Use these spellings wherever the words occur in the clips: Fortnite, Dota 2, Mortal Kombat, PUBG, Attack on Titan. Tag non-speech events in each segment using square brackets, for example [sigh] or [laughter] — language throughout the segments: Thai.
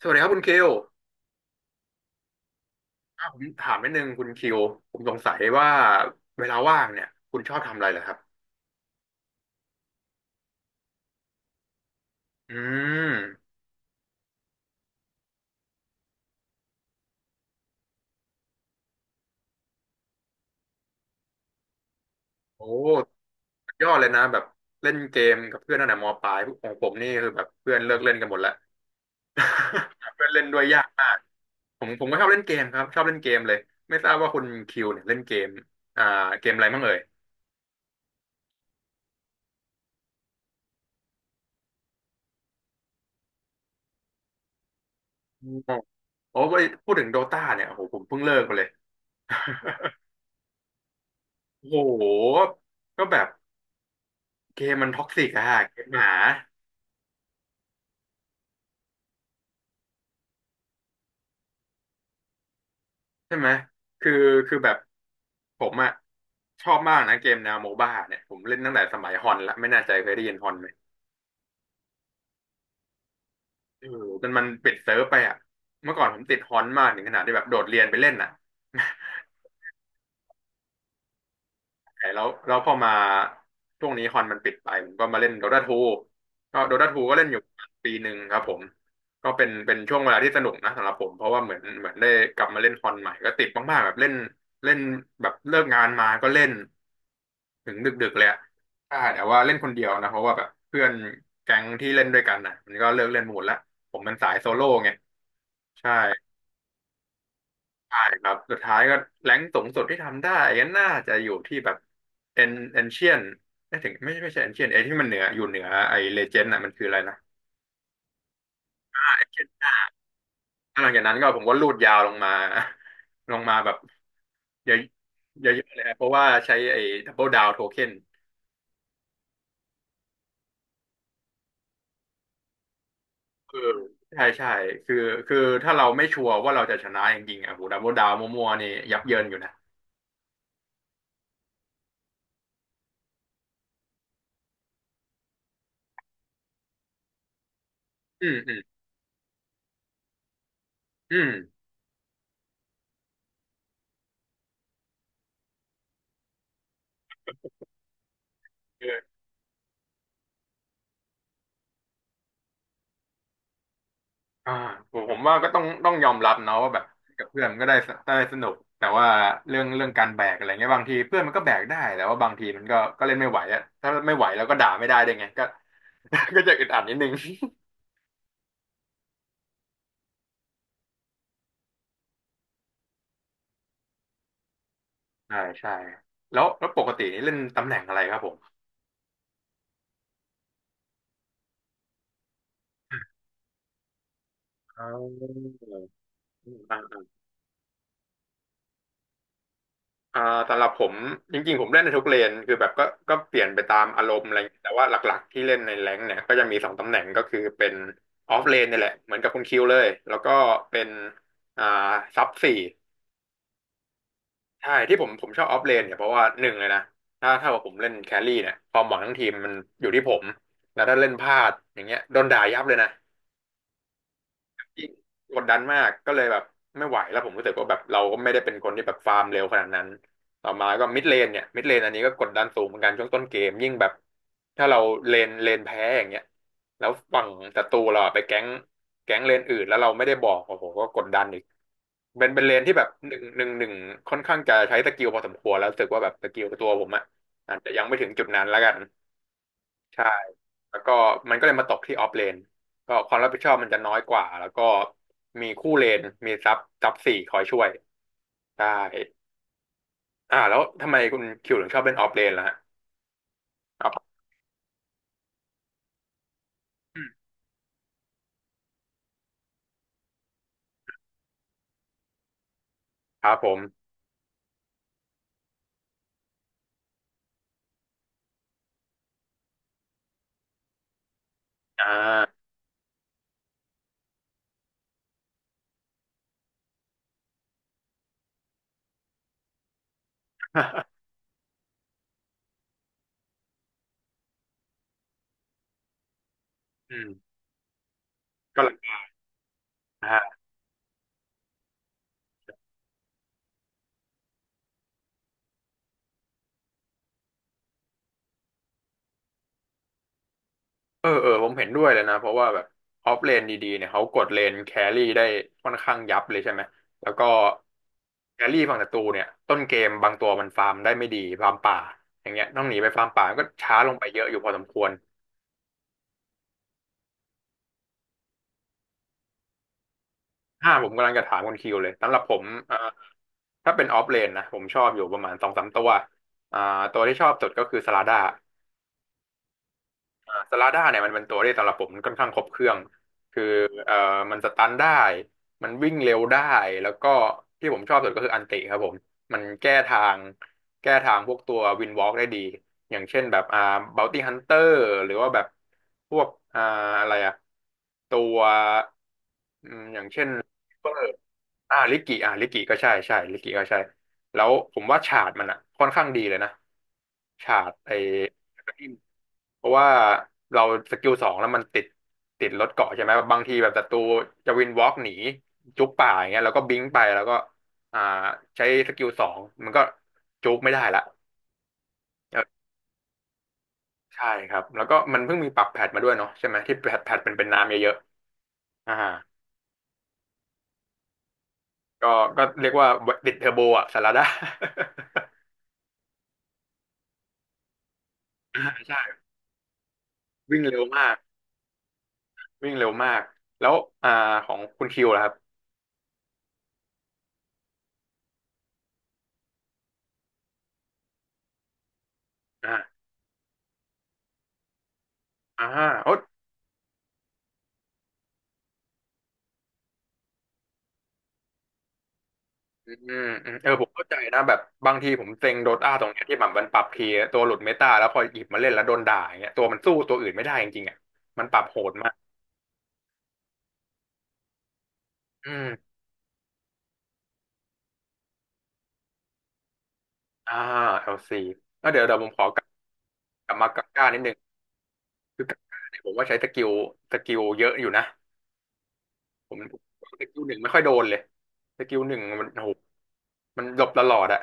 สวัสดีครับคุณคิวอ่ะผมถามนิดนึงคุณคิวผมสงสัยว่าเวลาว่างเนี่ยคุณชอบทำอะไรเหรอครับ อืมโอ้สุดยอดเลยนะแบบเล่นเกมกับเพื่อนตั้งแต่มปลายของผมนี่คือแบบเพื่อนเลิกเล่นกันหมดแล้ว [laughs] หาเพื่อนเล่นด้วยยากมากผมก็ชอบเล่นเกมครับชอบเล่นเกมเลยไม่ทราบว่าคุณคิวเนี่ยเล่นเกมอ่าเกมอะไรบ้างเอ่ยอืมโอ้ยพูดถึงโดตาเนี่ยโอ้โหผมเพิ่งเลิกไปเลย [laughs] โอ้โหก็แบบเกมมันท็อกซิกอะเกมหมา ใช่ไหม คือคือแบบผมอะชอบมากนะเกมแนวโมบ้าเนี่ย ผมเล่นตั้งแต่สมัยฮอนละไม่แน่ใจเคยได้ยินฮอนไหมเออจนมันปิดเซิร์ฟไปอะเมื่อก่อนผมติดฮอนมากถึงขนาดที่แบบโดดเรียนไปเล่นน่ะ [laughs] แต่แล้วพอมาช่วงนี้ฮอนมันปิดไปผมก็มาเล่นโด t a าทูก็โดตาทูก็เล่นอยู่ปีหนึ่งครับผม ก็เป็นช่วงเวลาที่สนุกนะสำหรับผมเพราะว่าเหมือนได้กลับมาเล่นฮอนใหม่ก็ติดมากๆแบบเล่นเล่นแบบเลิกงานมาก็เล่น ถึงดึกๆเลยอะถ้าแต่ว่าเล่นคนเดียวนะเพราะว่าแบบเพื่อนแก๊งที่เล่นด้วยกันนะมันก็เลิกเล่นหมดละผมเป็นสายโซโล่ไงใช่ใช่ครับสุดท้ายก็แรงค์สูงสุดที่ทำได้ก็น่าจะอยู่ที่แบบเอ็นเอ็นเชียนไม่ถึงไม่ใช่เอ็นเชียนไอ้ที่มันเหนืออยู่เหนือไอ้เลเจนด์น่ะมันคืออะไรนะ Ancient แล้วหลังจากนั้นก็ผมก็ลูดยาวลงมา [laughs] ลงมาแบบเยอะเยอะๆเลยนะเพราะว่าใช้ไอ้ดับเบิลดาวโทเค็น เออใช่ใช่คือคือถ้าเราไม่ชัวร์ว่าเราจะชนะจริงๆอ่ะโหดับเบิลดาวมัวๆนี่ยับเยินอยู่นะอืมอืมอืมเอออ่าผมว่าก็ต้องยอมรับเนาะว่าแบบกับเพื่อนมันก็ได้สนุกแต่ว่าเรื่องการแบกอะไรเงี้ยบางทีเพื่อนมันก็แบกได้แต่ว่าบางทีมันก็เล่นไม่ไหวอะถ้าไม่ไหวแล้วก็ด่าไม่ได้ด้วยไงก็ [laughs] ก็จะอึดอัดนิดนึงใช่ใช่แล้วปกตินี่เล่นตำแหน่งอะไรครับผมอ๋อ อ่าสำหรับผมจริงๆ ผมเล่นในทุกเลนคือแบบก็เปลี่ยนไปตามอารมณ์อะไรอย่างเงี้ยแต่ว่าหลักๆที่เล่นในแรงค์เนี่ยก็จะมีสองตำแหน่งก็คือเป็นออฟเลนนี่แหละเหมือนกับคุณคิวเลย แล้วก็เป็นอ่าซับสี่ใช่ที่ผมชอบออฟเลนเนี่ยเพราะว่าหนึ่งเลยนะถ้าว่าผมเล่นแครี่เนี่ยความหวังทั้งทีมมันอยู่ที่ผมแล้วถ้าเล่นพลาดอย่างเงี้ยโดนด่ายับเลยนะ ยิ่งกดดันมากก็เลยแบบไม่ไหวแล้วผมรู้สึกว่าแบบเราก็ไม่ได้เป็นคนที่แบบฟาร์มเร็วขนาดนั้นต่อมาก็มิดเลนเนี่ยมิดเลนอันนี้ก็กดดันสูงเหมือนกันช่วงต้นเกมยิ่งแบบถ้าเราเลนแพ้อย่างเงี้ยแล้วฝั่งศัตรูเราอะไปแก๊งเลนอื่นแล้วเราไม่ได้บอกโอ้โหก็กดดันอีกเป็นเลนที่แบบหนึ่งค่อนข้างจะใช้สกิลพอสมควรแล้วรู้สึกว่าแบบสกิลตัวผมอะอาจจะยังไม่ถึงจุดนั้นแล้วกัน ใช่แล้วก็มันก็เลยมาตกที่ออฟเลนก็ความรับผิดชอบมันจะน้อยกว่าแล้วก็มีคู่เลนมีซับสี่คอยช่วยใช่อ่าแล้วทำไมคุณคิวถึงชอบเล่นออฟเลนล่ะฮะครับอืมครับผมอ่า [laughs] อืมก็เลยนะฮะเออเออผมเห็นด้วยเลยนะเพราะว่าแบบออฟเลนดีๆเนี่ยเขากดเลนแครี่ได้ค่อนข้างยับเลยใช่ไหมแล้วก็แครี่ฝั่งศัตรูเนี่ยต้นเกมบางตัวมันฟาร์มได้ไม่ดีฟาร์มป่าอย่างเงี้ยต้องหนีไปฟาร์มป่าก็ช้าลงไปเยอะอยู่พอสมควร อ่าผมกำลังจะถามคุณคิวเลยสำหรับผมอ่าถ้าเป็นออฟเลนนะผมชอบอยู่ประมาณสองสามตัวอ่าตัวที่ชอบสุดก็คือสลาด้าสลาด้าเนี่ยมันเป็นตัวที่สำหรับผมมันค่อนข้างครบเครื่องคือเอ่อมันสตันได้มันวิ่งเร็วได้แล้วก็ที่ผมชอบสุดก็คืออันติครับผมมันแก้ทางแก้ทางพวกตัววินวอล์กได้ดีอย่างเช่นแบบบ o วตี้ฮันเตอร์หรือว่าแบบพวกอ่าอะไรอะตัวอย่างเช่น อ่าลิกิก็ใช่ลิกิก็ใช่แล้วผมว่าฉากมันอ่ะค่อนข้างดีเลยนะฉากไอ้เพราะว่าเราสกิลสองแล้วมันติดรถเกาะใช่ไหมบางทีแบบศัตรูจะวินวอล์กหนีจุกป่าอย่างเงี้ยแล้วก็บิงไปแล้วก็อ่าใช้สกิลสองมันก็จุกไม่ได้ละเออใช่ครับแล้วก็มันเพิ่งมีปรับแพทมาด้วยเนาะใช่ไหมที่แพทเป็นน้ำเยอะๆก็เรียกว่าติดเทอร์โบอ่ะสารดาดา [laughs] ใช่วิ่งเร็วมาก วิ่งเร็วมาก แล้วอ่าของคุณคิวล่ะครับอ่าอ่าโอ๊ตอือืมเออผมเข้าใจนะแบบบางทีผมเซ็งโดต้าตรงเนี้ยที่แบบมันปรับทีตัวหลุดเมตาแล้วพอหยิบมาเล่นแล้วโดนด่าอย่างเงี้ยตัวมันสู้ตัวอื่นไม่ได้จริงๆอ่ะมันปรับโหดมากอืมอ่า LC แอล้วเดี๋ยวผมขอกลับกลับมากาก้านิดนึงคือกาก้าเนี่ยผมว่าใช้สกิลเยอะอยู่นะผมสกิลหนึ่งไม่ค่อยโดนเลยสกิลหนึ่งมันโอ้โหมันหลบตลอดอะ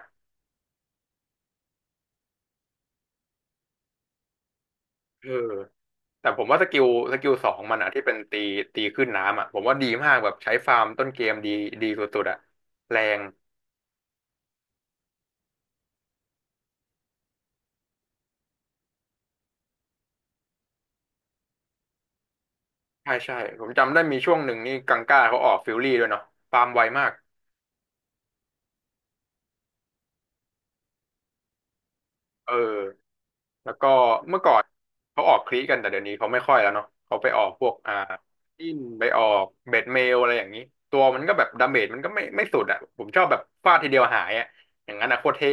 เออ แต่ผมว่าสกิลสองมันอ่ะที่เป็นตีขึ้นน้ำอ่ะผมว่าดีมากแบบใช้ฟาร์มต้นเกมดีดีสุดๆอ่ะแรงใช่ผมจำได้มีช่วงหนึ่งนี่กังก้าเขาออกฟิลลี่ด้วยเนาะฟาร์มไวมากเออแล้วก็เมื่อก่อนเขาออกคลีกันแต่เดี๋ยวนี้เขาไม่ค่อยแล้วเนาะเขาไปออกพวกอินไปออกเบ็ดเมลอะไรอย่างนี้ตัวมันก็แบบดาเมจมันก็ไม่สุดอ่ะผมชอบแบบฟาดทีเดียวหายอ่ะอย่างนั้นอ่ะโคตรเท่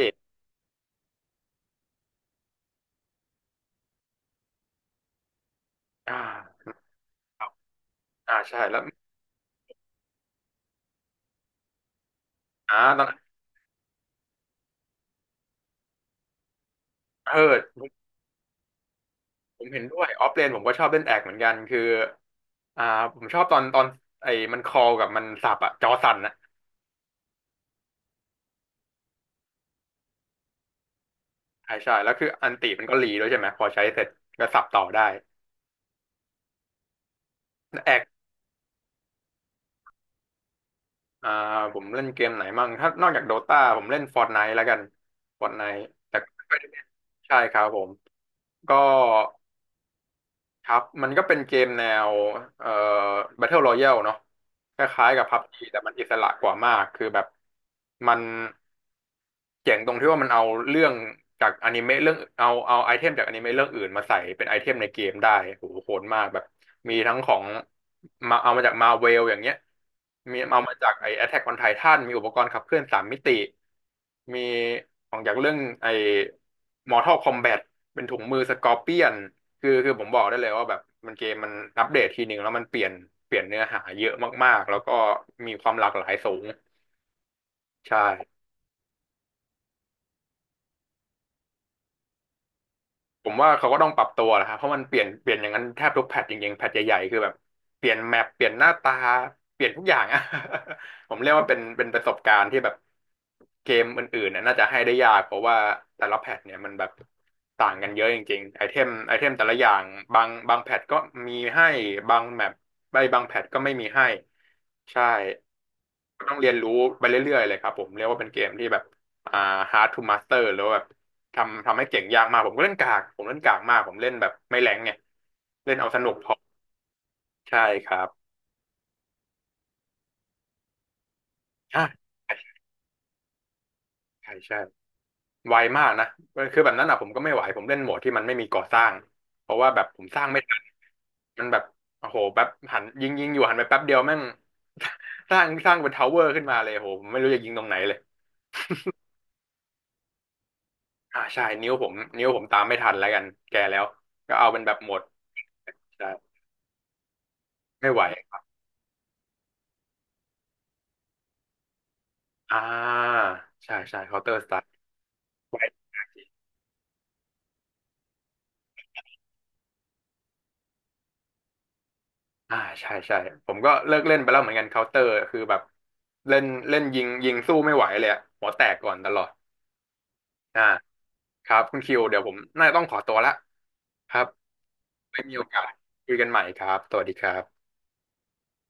อ่าครับอ่าใช่แล้วอ่าตอนเออ ผมเห็นด้วยออฟเลนผมก็ชอบเล่นแอกเหมือนกันคืออ่าผมชอบตอนไอ้มันคอลกับมันสับอะจอสั่นอะใช่ใช่แล้วคืออันติมันก็รีด้วยใช่ไหม พอใช้เสร็จก็สับต่อได้แอกอ่าผมเล่นเกมไหนมั่งถ้านอกจากโดตาผมเล่นฟอร์ n ไน e แล้วกันฟอร์ n ไน e แต่ก็ไม่ได้เล่นใช่ครับผม ก็ ครับมันก็เป็นเกมแนวเอ่อ Battle Royale เนาะคล้ายๆกับ PUBG แต่มันอิสระกว่ามากคือแบบมันเจ๋งตรงที่ว่ามันเอาเรื่องจากอนิเมะเรื่องเอาไอเทมจากอนิเมะเรื่องอื่นมาใส่เป็นไอเทมในเกมได้โหโหดมากแบบมีทั้งของมาเอามาจากมาเวลอย่างเงี้ยมีเอามาจากไอ Attack on Titan มีอุปกรณ์ขับเคลื่อนสามมิติมีของจากเรื่องไอ Mortal Kombat เป็นถุงมือสกอร์เปียน คือผมบอกได้เลยว่าแบบมันเกมมันอัปเดตทีหนึ่งแล้วมันเปลี่ยนเนื้อหาเยอะมากๆแล้วก็มีความหลากหลายสูงใช่ ผมว่าเขาก็ต้องปรับตัวแหละครับเพราะมันเปลี่ยนอย่างนั้นแทบทุกแพทจริงๆแพทใหญ่ๆคือแบบเปลี่ยนแมปเปลี่ยนหน้าตาเปลี่ยนทุกอย่างอะ [laughs] ผมเรียกว่าเป็นประสบการณ์ที่แบบเกมอื่นๆน่ะน่าจะให้ได้ยากเพราะว่าแต่ละแพทเนี่ยมันแบบต่างกันเยอะจริงๆไอเทมแต่ละอย่างบางแพทก็มีให้บางแมปใบบางแพทก็ไม่มีให้ใช่ต้องเรียนรู้ไปเรื่อยๆเลยครับผมเรียกว่าเป็นเกมที่แบบอ่า hard to master หรือว่าแบบ ทำให้เก่งยากมากผมก็เล่นกากผมเล่นกากมากผมเล่นแบบไม่แรงไงเล่นเอาสนุกพอใช่ครับใช่ใช่ไวมากนะคือแบบนั้นอ่ะผมก็ไม่ไหวผมเล่นโหมดที่มันไม่มีก่อสร้างเพราะว่าแบบผมสร้างไม่ทันมันแบบโอ้โหแป๊บหันยิงอยู่หันไปแป๊บเดียวแม่ง [laughs] สร้างเป็นทาวเวอร์ขึ้นมาเลยโหผมไม่รู้จะยิงตรงไหนเลยอ่าใช่นิ้วผมตามไม่ทันแล้วกันแก่แล้วก็เอาเป็นแบบหมดใช่ไม่ไหวอ่าใช่เคาน์เตอร์สไตล์ อ่าใช่ผมก็เลิกเล่นไปแล้วเหมือนกันเคาน์เตอร์คือแบบเล่นเล่นยิงสู้ไม่ไหวเลยอะหัวแตกก่อนตลอดอ่าครับคุณคิวเดี๋ยวผมน่าจะต้องขอตัวละครับไม่มีโอกาสคุยกันใหม่ครับสวัสดีครับ